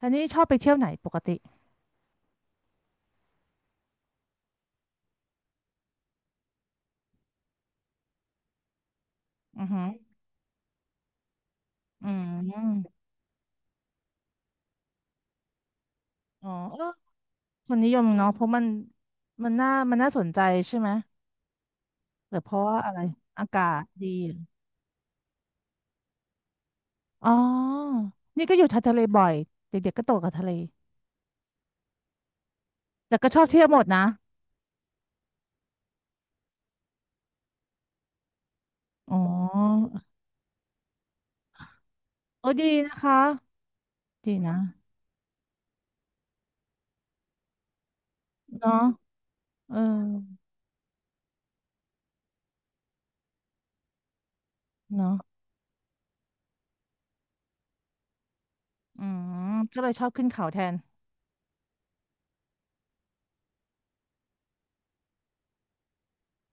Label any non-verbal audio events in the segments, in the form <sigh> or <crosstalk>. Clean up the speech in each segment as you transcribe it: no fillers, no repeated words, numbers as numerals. ท่านี้ชอบไปเที่ยวไหนปกติอือหืออืมอ๋อเออคนนิยมเนาะเพราะมันมันน่าสนใจใช่ไหมหรือเพราะว่าอะไรอากาศดีอ๋อนี่ก็อยู่ทะเลบ่อยเด็กๆก็โตกับทะเลแต่ก็ชอบเที่ยวหมดนะอ๋อโอ้ดีนะคะดีนะเนาะเออเนาะอืมก็เลยชอบขึ้นเขาแทน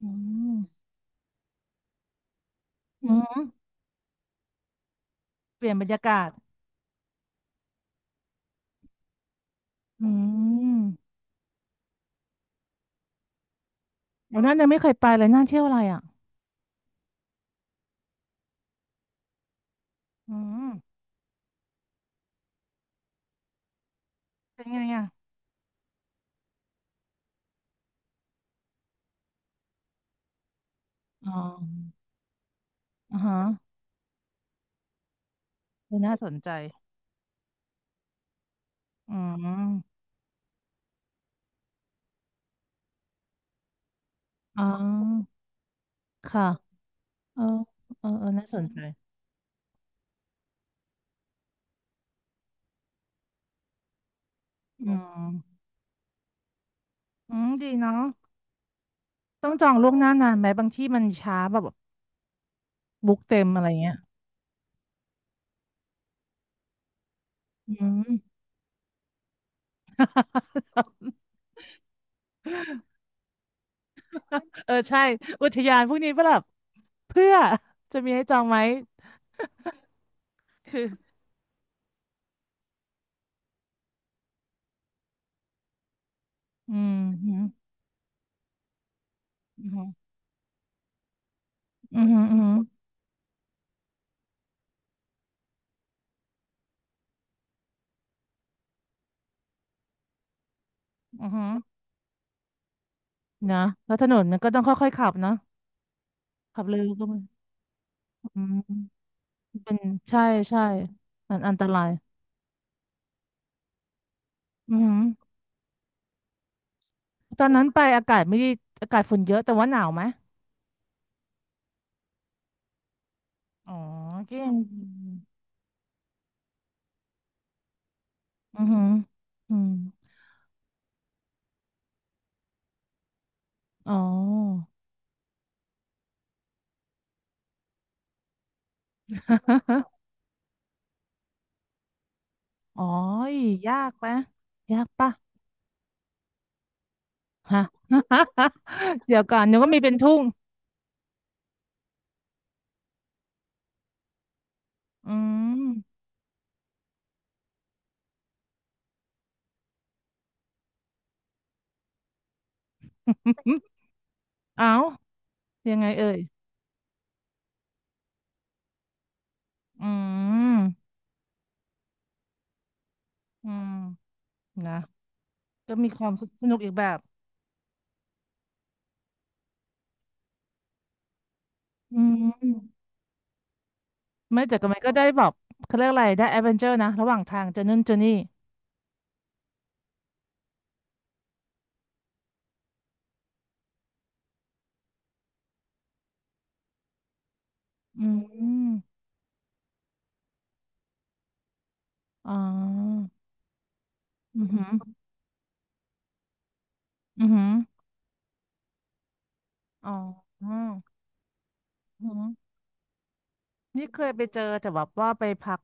อืมอืมเปลี่ยนบรรยากาศอืมวันนั้นยังไม่เคยไปเลยน่าเที่ยวอะไรอ่ะอืมเป็นไงอ่ะ อ๋ออ่าฮะเออน่าสนใจอืมอ๋อค่ะเออเออเออน่าสนใจอืมอืมดีเนาะต้องจองล่วงหน้านานไหมบางที่มันช้าแบบบุ๊กเต็มอะไรเงี้ยอืม <laughs> เออใช่อุทยานพวกนี้ก็แบบเพื่อจะมีให้จองไหมคืออืมอืมอืมอืมอืมอืมนะแล้วถนนก็ต้องค่อยๆขับเนอะขับเร็วก็ไม่อืมเป็นใช่ใช่มันอันตราย อือหือตอนนั้นไปอากาศไม่ได้อากาศฝนเยอะแต่ว่าหนาวไหม อ๋อก็ยังดีอือหืออืม อ๋ออ๋อยยากไหมยากปะฮะ <laughs> เดี๋ยวก่อนเดี๋ยวก็มีเป็นทุ่ง อืม <laughs> เอ้ายังไงเอ่ย อืม อืมนะก็มีความสนุกอีกแบบ อืม ไม่แต่ก็มันก็ได้แบบเขาเรียกอะไรได้แอดเวนเจอร์นะ ระหว่างทางเจอนู่นเจอนี่อืมอ๋ออือหือ อือหืออ๋ออืมอือหือนี่เคยไปเจอแต่แบบว่าไปพัก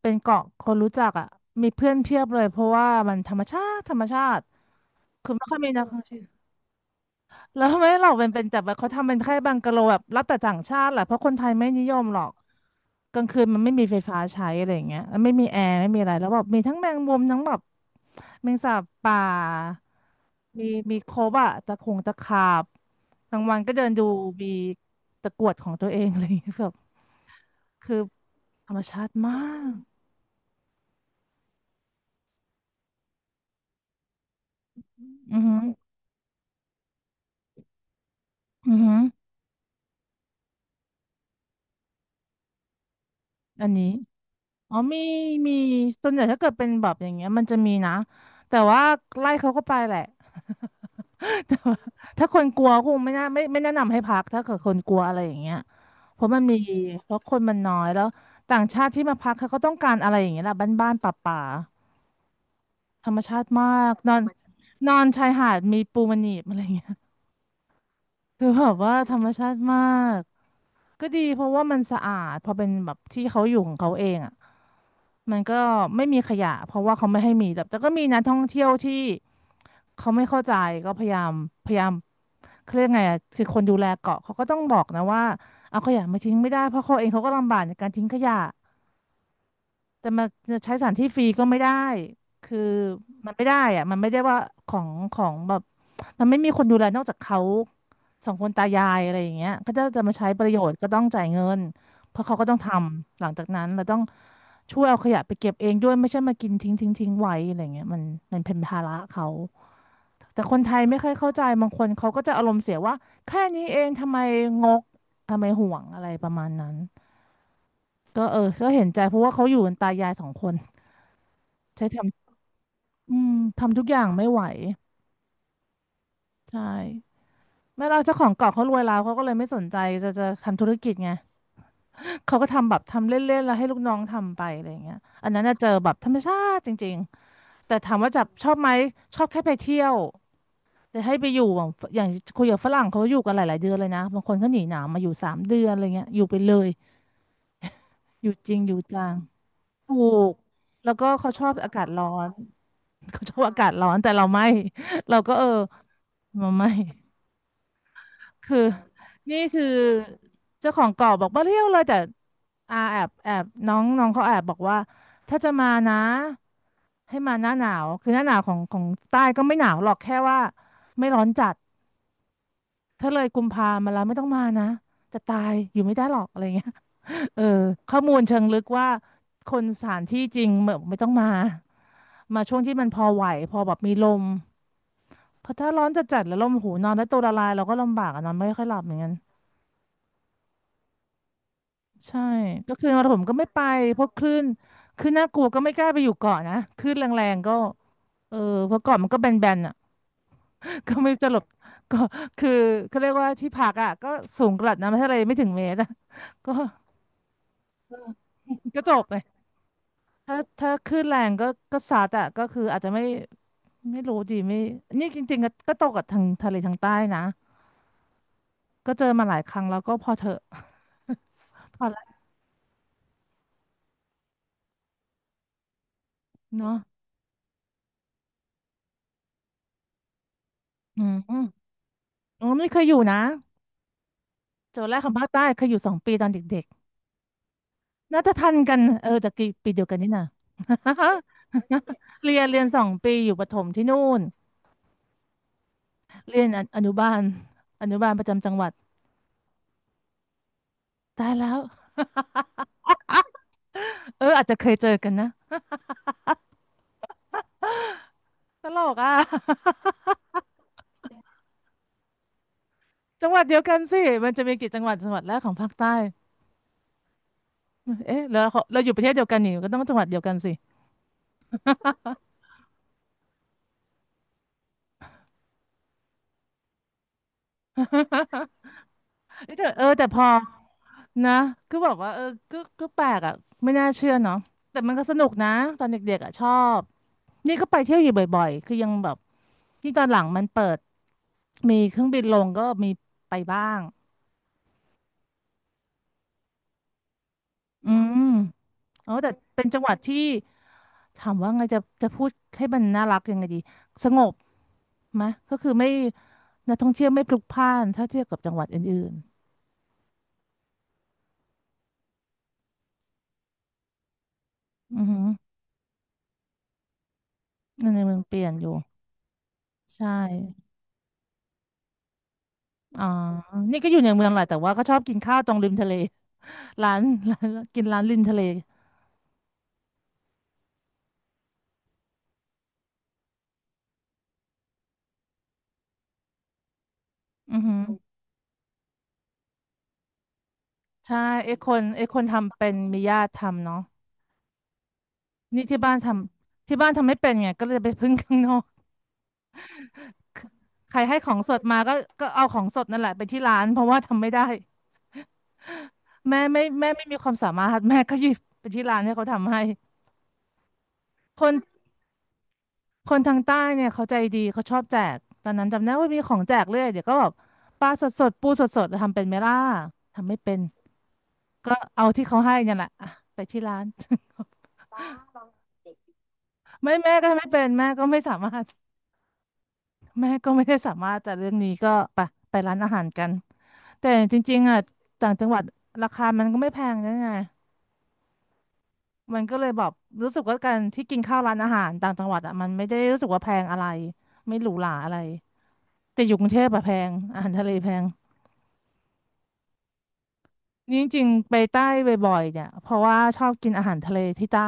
เป็นเกาะคนรู้จักอ่ะมีเพื่อนเพียบเลยเพราะว่ามันธรรมชาติคือไม่ค่อยมีนักท่องเที่ยว แล้วทำไมเราเป็นจับแบบเขาทำเป็นแค่บังกะโลแบบรับแต่ต่างชาติแหละเพราะคนไทยไม่นิยมหรอกกลางคืนมันไม่มีไฟฟ้าใช้อะไรอย่างเงี้ยแล้วไม่มีแอร์ไม่มีอะไรแล้วแบบมีทั้งแมงมุมทั้งแบบแมงสาบป่ามีครบอะตะขงตะขาบกลางวันก็เดินดูมีตะกรวดของตัวเองอะไรอย่างเงี้ยแบบคือธรรมชาติมากอือหืออือหืออันนี้อ๋อมีมีส่วนใหญ่ถ้าเกิดเป็นแบบอย่างเงี้ยมันจะมีนะแต่ว่าไล่เขาก็ไปแหละ แต่ว่า <laughs> ถ้าคนกลัวคงไม่น่าไม่แนะนำให้พักถ้าเกิดคนกลัวอะไรอย่างเงี้ยเพราะมันมีเพราะคนมันน้อยแล้วต่างชาติที่มาพักเขาก็ต้องการอะไรอย่างเงี้ยแหละบ้านๆป่าๆธรรมชาติมากนอนนอนชายหาดมีปูมันหนีบอะไรอย่างเงี้ย <laughs> คือแบบว่าธรรมชาติมากก็ดีเพราะว่ามันสะอาดพอเป็นแบบที่เขาอยู่ของเขาเองอ่ะ มันก็ไม่มีขยะเพราะว่าเขาไม่ให้มีแต่ก็มีนักท่องเที่ยวที่เขาไม่เข้าใจก็พยายามพยายามเขาเรียกไงอะคือคนดูแลเกาะเขาก็ต้องบอกนะว่าเอาขยะมาทิ้งไม่ได้เพราะเขาเองเขาก็ลำบากในการทิ้งขยะ แต่มาจะใช้สถานที่ฟรีก็ไม่ได้ คือมันไม่ได้อะมันไม่ได้ว่าของแบบมันไม่มีคนดูแลนอกจากเขาสองคนตายายอะไรอย่างเงี้ยก็จะมาใช้ประโยชน์ก็ต้องจ่ายเงินเพราะเขาก็ต้องทำหลังจากนั้นเราต้องช่วยเอาขยะไปเก็บเองด้วยไม่ใช่มากินทิ้งไว้อะไรเงี้ยมันมันเป็นภาระเขาแต่คนไทยไม่ค่อยเข้าใจบางคนเขาก็จะอารมณ์เสียว่าแค่นี้เองทำไมงกทำไมห่วงอะไรประมาณนั้นก็เออก็เห็นใจเพราะว่าเขาอยู่กันตายายสองคน ใช้ทำอืมทำทุกอย่างไม่ไหวใช่ไม่เราเจ้าของเก่าเขารวยแล้วเขาก็เลยไม่สนใจจะทำธุรกิจไง <laughs> เขาก็ทำแบบทำเล่นๆแล้วให้ลูกน้องทำไปอะไรอย่างเงี้ยอันนั้นน่ะเจอแบบธรรมชาติจริงๆแต่ถามว่าจับชอบไหมชอบแค่ไปเที่ยวแต่ให้ไปอยู่แบบอย่างคุยกับฝรั่งเขาอยู่กันหลายๆเดือนเลยนะบางคนเขาหนีหนาวมาอยู่สามเดือนอะไรเงี้ยอยู่ไปเลยอยู่จริงอยู่จังถูกแล้วก็เขาชอบอากาศร้อน <laughs> เขาชอบอากาศร้อนแต่เราไม่เราก็เออเราไม่ คือนี่คือเจ้าของเก่าบอกมาเที่ยวเลยแต่อาแอบน้องน้องเขาแอบบอกว่าถ้าจะมานะให้มาหน้าหนาวคือหน้าหนาวของใต้ก็ไม่หนาวหรอกแค่ว่าไม่ร้อนจัดถ้าเลยกุมภามาแล้วไม่ต้องมานะจะตายอยู่ไม่ได้หรอกอะไรเงี้ยเออข้อมูลเชิงลึกว่าคนสถานที่จริงแบบไม่ต้องมามาช่วงที่มันพอไหวพอแบบมีลมเพราะถ้าร้อนจัดๆแล้วลมหูนอนแล้วตัวละลายเราก็ลำบากอะนอนไม่ค่อยหลับเหมือนกัน ใช่ก็คือมรผมก็ไม่ไปเพราะคลื่นน่ากลัวก็ไม่กล้าไปอยู่เกาะนะคลื่นแรงๆก็เออเพราะเกาะมันก็แบนๆอ่ะ <laughs> ก็ไม่รู้จะหลบก็คือเขาเรียกว่าที่พักอ่ะก็สูงกระดับน้ำทะเลไม่ถึงเมตรอะ <laughs> ก็ก็จบเลยถ้าคลื่นแรงก็ก็ซัดอ่ะก็คืออาจจะไม่ไม่รู้ดีไม่นี่จริงๆก็ตกกับทางทะเลทางใต้นะก็เจอมาหลายครั้งแล้วก็พอเถอะพอละเนาะอืมอืมอ๋อไม่เคยอยู่นะเจอแรกของภาคใต้เคยอยู่สองปีตอนเด็ก น่าจะทันกันเออแต่กี่ปีเดียวกันนี่นะ <laughs> เรียน2 ปีอยู่ประถมที่นู่นเรียนออนุบาลอนุบาลประจำจังหวัดตายแล้วเอออาจจะเคยเจอกันนะตลกอ่ะ <laughs> จังหวัดเดียวกันสิมันจะมีกี่จังหวัดจังหวัดแรกของภาคใต้เอ๊ะแล้วเราอยู่ประเทศเดียวกันนี่ก็ต้องจังหวัดเดียวกันสิ <laughs> เอ้ยแต่เออแต่พอนะก็แบบว่าเออก็แปลกอ่ะไม่น่าเชื่อเนาะแต่มันก็สนุกนะตอนเด็กๆอ่ะชอบนี่ก็ไปเที่ยวอยู่บ่อยๆคือยังแบบที่ตอนหลังมันเปิดมีเครื่องบินลงก็มีไปบ้างอืมอ๋อแต่เป็นจังหวัดที่ถามว่าไงจะพูดให้มันน่ารักยังไงดีสงบไหมก็คือไม่นักท่องเที่ยวไม่พลุกพล่านถ้าเทียบกับจังหวัดอื่นๆอือหือในเมืองเปลี่ยนอยู่ใช่ อ๋อนี่ก็อยู่ในเมืองแหละแต่ว่าก็ชอบกินข้าวตรงริมทะเล <laughs> ร้านร้านกินร้านริมทะเลอือหือใช่ไอ้คนทำเป็นมีญาติทำเนาะนี่ที่บ้านทำที่บ้านทำไม่เป็นไงก็เลยไปพึ่งข้างนอกใครให้ของสดมาก็ก็เอาของสดนั่นแหละไปที่ร้านเพราะว่าทำไม่ได้แม่ไม่มีความสามารถแม่ก็หยิบไปที่ร้านให้เขาทำให้ คนคนทางใต้เนี่ยเขาใจดีเขาชอบแจกตอนนั้นจำได้ว่ามีของแจกเรื่อยเดี๋ยวก็แบบปลาสดๆปูสดสดทำเป็นไหมล่ะทำไม่เป็น ก็เอาที่เขาให้เนี่ยแหละอ่ะไปที่ร้าน <laughs> ไม่แม่ก็ไม่เป็นแม่ก็ไม่สามารถแม่ก็ไม่ได้สามารถแต่เรื่องนี้ก็ไปไปร้านอาหารกันแต่จริงๆอ่ะต่างจังหวัดราคามันก็ไม่แพงนะไงมันก็เลยแบบรู้สึกว่าการที่กินข้าวร้านอาหารต่างจังหวัดอ่ะมันไม่ได้รู้สึกว่าแพงอะไรไม่หรูหราอะไรแต่อยู่กรุงเทพอะแพงอาหารทะเลแพงนี่จริงๆไปใต้บ่อยๆเนี่ยเพราะว่าชอบกินอาหารทะเลที่ใต้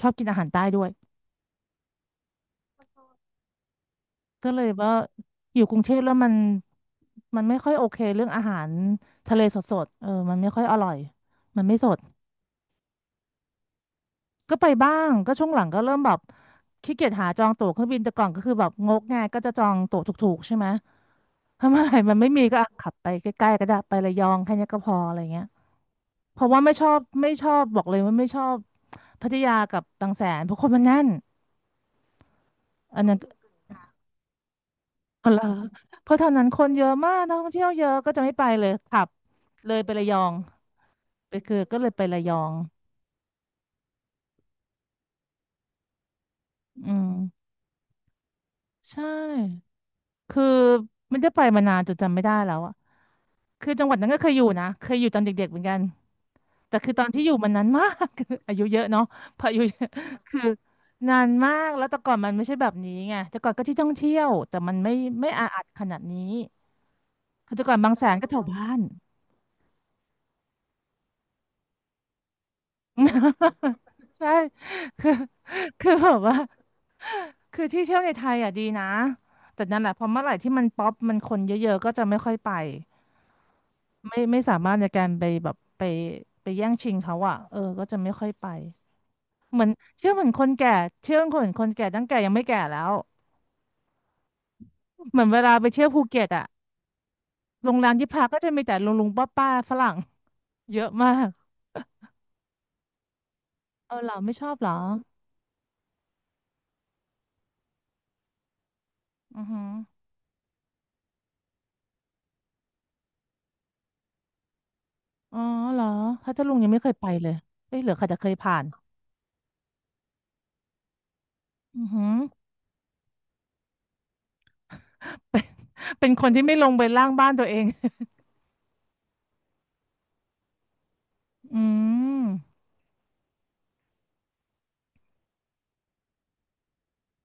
ชอบกินอาหารใต้ด้วย ก็เลยว่าอยู่กรุงเทพแล้วมันไม่ค่อยโอเคเรื่องอาหารทะเลสดๆเออมันไม่ค่อยอร่อยมันไม่สดก็ไปบ้างก็ช่วงหลังก็เริ่มแบบขี้เกียจหาจองตั๋วเครื่องบินแต่ก่อนก็คือแบบงกง่ายก็จะจองตั๋วถูกๆใช่ไหมถ้าเมื่อไหร่มันไม่มีก็อ่ะขับไปใกล้ๆก็ได้ไประยองแค่เนี้ยก็พออะไรเงี้ยเพราะว่าไม่ชอบบอกเลยว่าไม่ชอบพัทยากับบางแสนเพราะคนมันแน่นอันนั้นก็อ๋อเหรอเพราะเท่านั้นคนเยอะมากนักท่องเที่ยวเยอะก็จะไม่ไปเลยขับเลยไประยอง ไปคือก็เลยไประยอง อืมใช่ คือไมันจะไปมานานจนจำไม่ได้แล้วอะคือจังหวัดนั้นก็เคยอยู่นะ เคยอยู่ตอนเด็กๆเหมือนกัน แต่คือตอนที่อยู่มันนานมาก <laughs> อายุเยอะเนาะพออายุเยอะคือนานมากแล้วแต่ก่อนมันไม่ใช่แบบนี้ไงแต่ก่อนก็ที่ท่องเที่ยว แต่มันไม่ไม่อาอัดขนาดนี้คือแต่ก่อนบางแสนก็แถวบ้าน <laughs> ใช่คือคือแบบว่าคือที่เที่ยวในไทยอ่ะดีนะแต่นั่นแหละพอเมื่อไหร่ที่มันป๊อปมันคนเยอะๆก็จะไม่ค่อยไป ไม่สามารถในการไปแบบไปแย่งชิงเขาอ่ะเออก็จะไม่ค่อยไปเหมือนเชื่อเหมือนคนแก่เชื่อเหมือนคนแก่ตั้งแก่ยังไม่แก่แล้วเหมือนเวลาไปเที่ยวภูเก็ตอ่ะโรงแรมที่พักก็จะมีแต่ลุงลุงป้าป้าฝรั่งเยอะมากเออเหรอไม่ชอบเหรออือหืออ๋อเหรอพัทลุงยังไม่เคยไปเลยเอ้ยเหลือใครจะเคยผ่านอือหือเป็นคนที่ไม่ลงไปล่างบ้านตัวเอง <laughs> อืม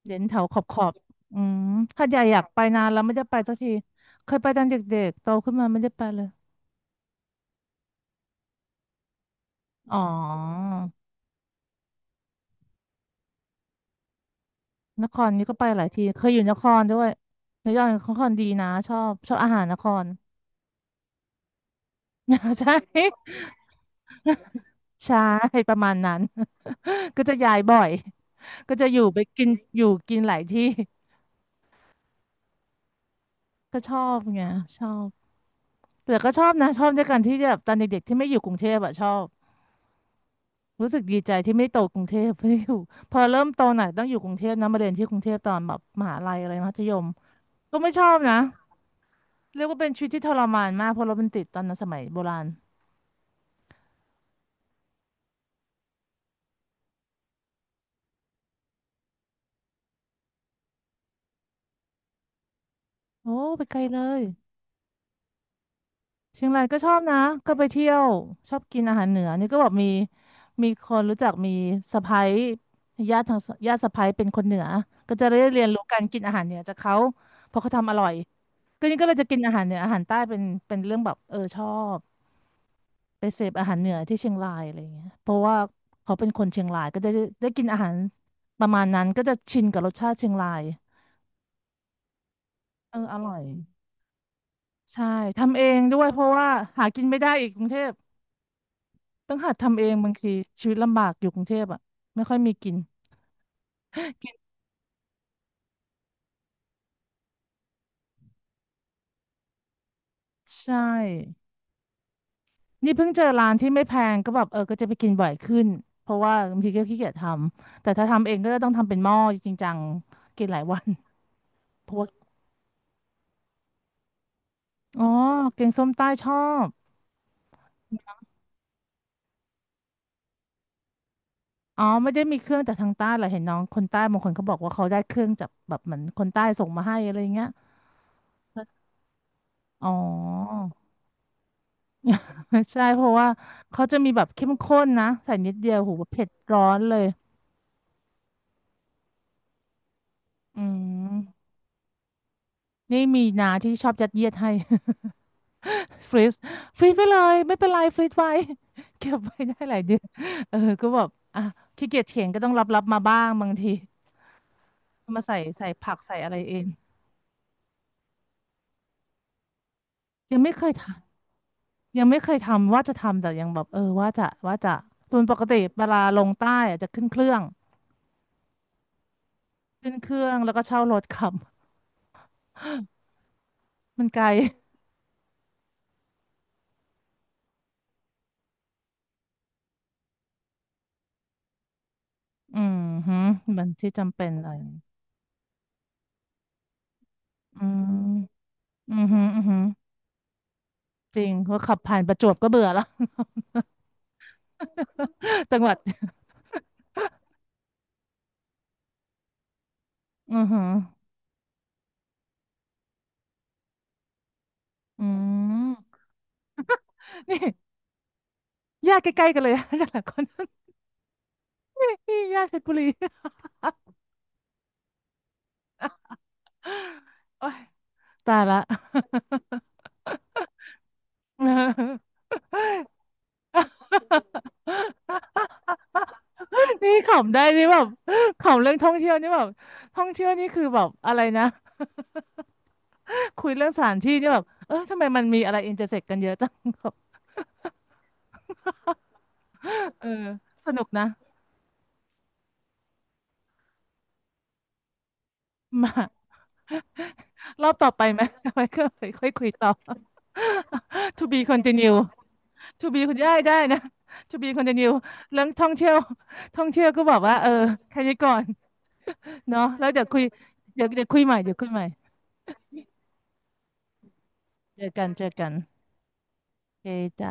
เด่นแถวขอบอืมหาดใหญ่อยากไปนานแล้วไม่ได้ไปสักที เคยไปตอนเด็กๆโตขึ้นมาไม่ได้ไปเลยอ๋อนครนี่ก็ไปหลายทีเคยอยู่นครด้วยนครดีนะชอบชอบอาหารนคร <laughs> ใช่ใช่ประมาณนั้น <laughs> ก็จะย้ายบ่อย ก็จะอยู่ไปกินอยู่กินหลายที่ <laughs> ก็ชอบไงชอบแต่ก็ชอบนะชอบด้วยกันที่แบบตอนเด็กๆที่ไม่อยู่กรุงเทพอะชอบ รู้สึกดีใจที่ไม่โตกรุงเทพเพราะอยู่ <laughs> พอเริ่มโตหน่อยต้องอยู่กรุงเทพนะมาเรียนที่กรุงเทพตอนแบบมหาลัยอะไรมัธยมก็ไม่ชอบนะเรียกว่าเป็นชีวิตที่ทรมานมากเพราะรถมันติดตอนนั้นสมัยโบราณโอ้ไปไกลเลยเชียงรายก็ชอบนะก็ไปเที่ยวชอบกินอาหารเหนือนี่ก็แบบมีมีคนรู้จักมีสะใภ้ญาติทางญาติสะใภ้เป็นคนเหนือก็จะได้เรียนรู้การกินอาหารเหนือจากเขาเพราะเขาทำอร่อยก็นี่ก็เลยจะกินอาหารเหนืออาหารใต้เป็นเป็นเรื่องแบบเออชอบ ไปเสพอาหารเหนือที่เชียงรายอะไรอย่างเงี้ยเพราะว่าเขาเป็นคนเชียงรายก็จะได้กินอาหารประมาณนั้นก็จะชินกับรสชาติเชียงรายเอออร่อยใช่ทำเองด้วยเพราะว่าหากินไม่ได้อีกกรุงเทพต้องหัดทำเองบางทีชีวิตลำบากอยู่กรุงเทพอ่ะไม่ค่อยมีกินใช่นี่เพิ่งเจอร้านที่ไม่แพงก็แบบเออก็จะไปกินบ่อยขึ้นเพราะว่าบางทีก็ขี้เกียจทำแต่ถ้าทำเองก็จะต้องทำเป็นหม้อจริงจังกินหลายวันเพราะว่าอ๋อแกงส้มใต้ชอบ อ๋อไม่ได้มีเครื่องจากทางใต้เหรอเห็นน้องคนใต้บางคนเขาบอกว่าเขาได้เครื่องจากแบบเหมือนคนใต้ส่งมาให้อะไรอย่างเงี้ยอ๋อ <laughs> ใช่เพราะว่าเขาจะมีแบบเข้มข้นนะใส่นิดเดียวโหูเผ็ดร้อนเลยอืมนี่มีนาที่ชอบยัดเยียดให้ <laughs> ฟรีซฟรีซไปเลยไม่เป็นไรฟรีซไว้ <laughs> เก็บไว้ได้หลายเดือน <laughs> เออก็แบบอ่ะขี้เกียจเถียงก็ต้องรับมาบ้างบางทีมาใส่ผักใส่อะไรเองยังไม่เคยทาน ยังไม่เคยทำว่าจะทำแต่ยังแบบเออว่าจะส่วนปกติเวลาลงใต้อะจะขึ้นเครื่องขึ้นเครื่องแล้วก็เช่ารถขับ <laughs> มันไกลอืมฮึมันที่จำเป็นอะไรอย่างงี้อืมอืมฮึอืมฮึจริงเพราะขับผ่านประจวบก็เบื่อแล้ว <laughs> จังหวัดอือฮึอืมนี่ญาติใกล้ๆกันเลย <laughs> แต่ละคน <laughs> นี่ญาติเพชรบุรีโอ้ยตายละ <laughs> นี่ขำได้นี่แบบ <laughs> ขำเรื่องท่องเที่ยวนี่แบบท่องเที่ยวนี่คือแบบอะไรนะ <laughs> คุยเรื่องสถานที่นี่แบบเออทำไมมันมีอะไรอินเตอร์เซ็กกันเยอะจัง <laughs> บเออสนุกนะ <laughs> มารอบต่อไปไหม <laughs> ไว้ก็ค่อยคอยคุยต่อ <laughs> to be continue to be คุณได้ได้นะ to be continue เรื่องท่องเที่ยว <laughs> ท่องเที่ยวก็บอกว่าเออแค่นี้ก่อนเนาะแล้วเดี๋ยวคุยเดี๋ยวคุยใหม่เดี๋ยวคุยใหม่เจอกันเจอกันโอเคจ้า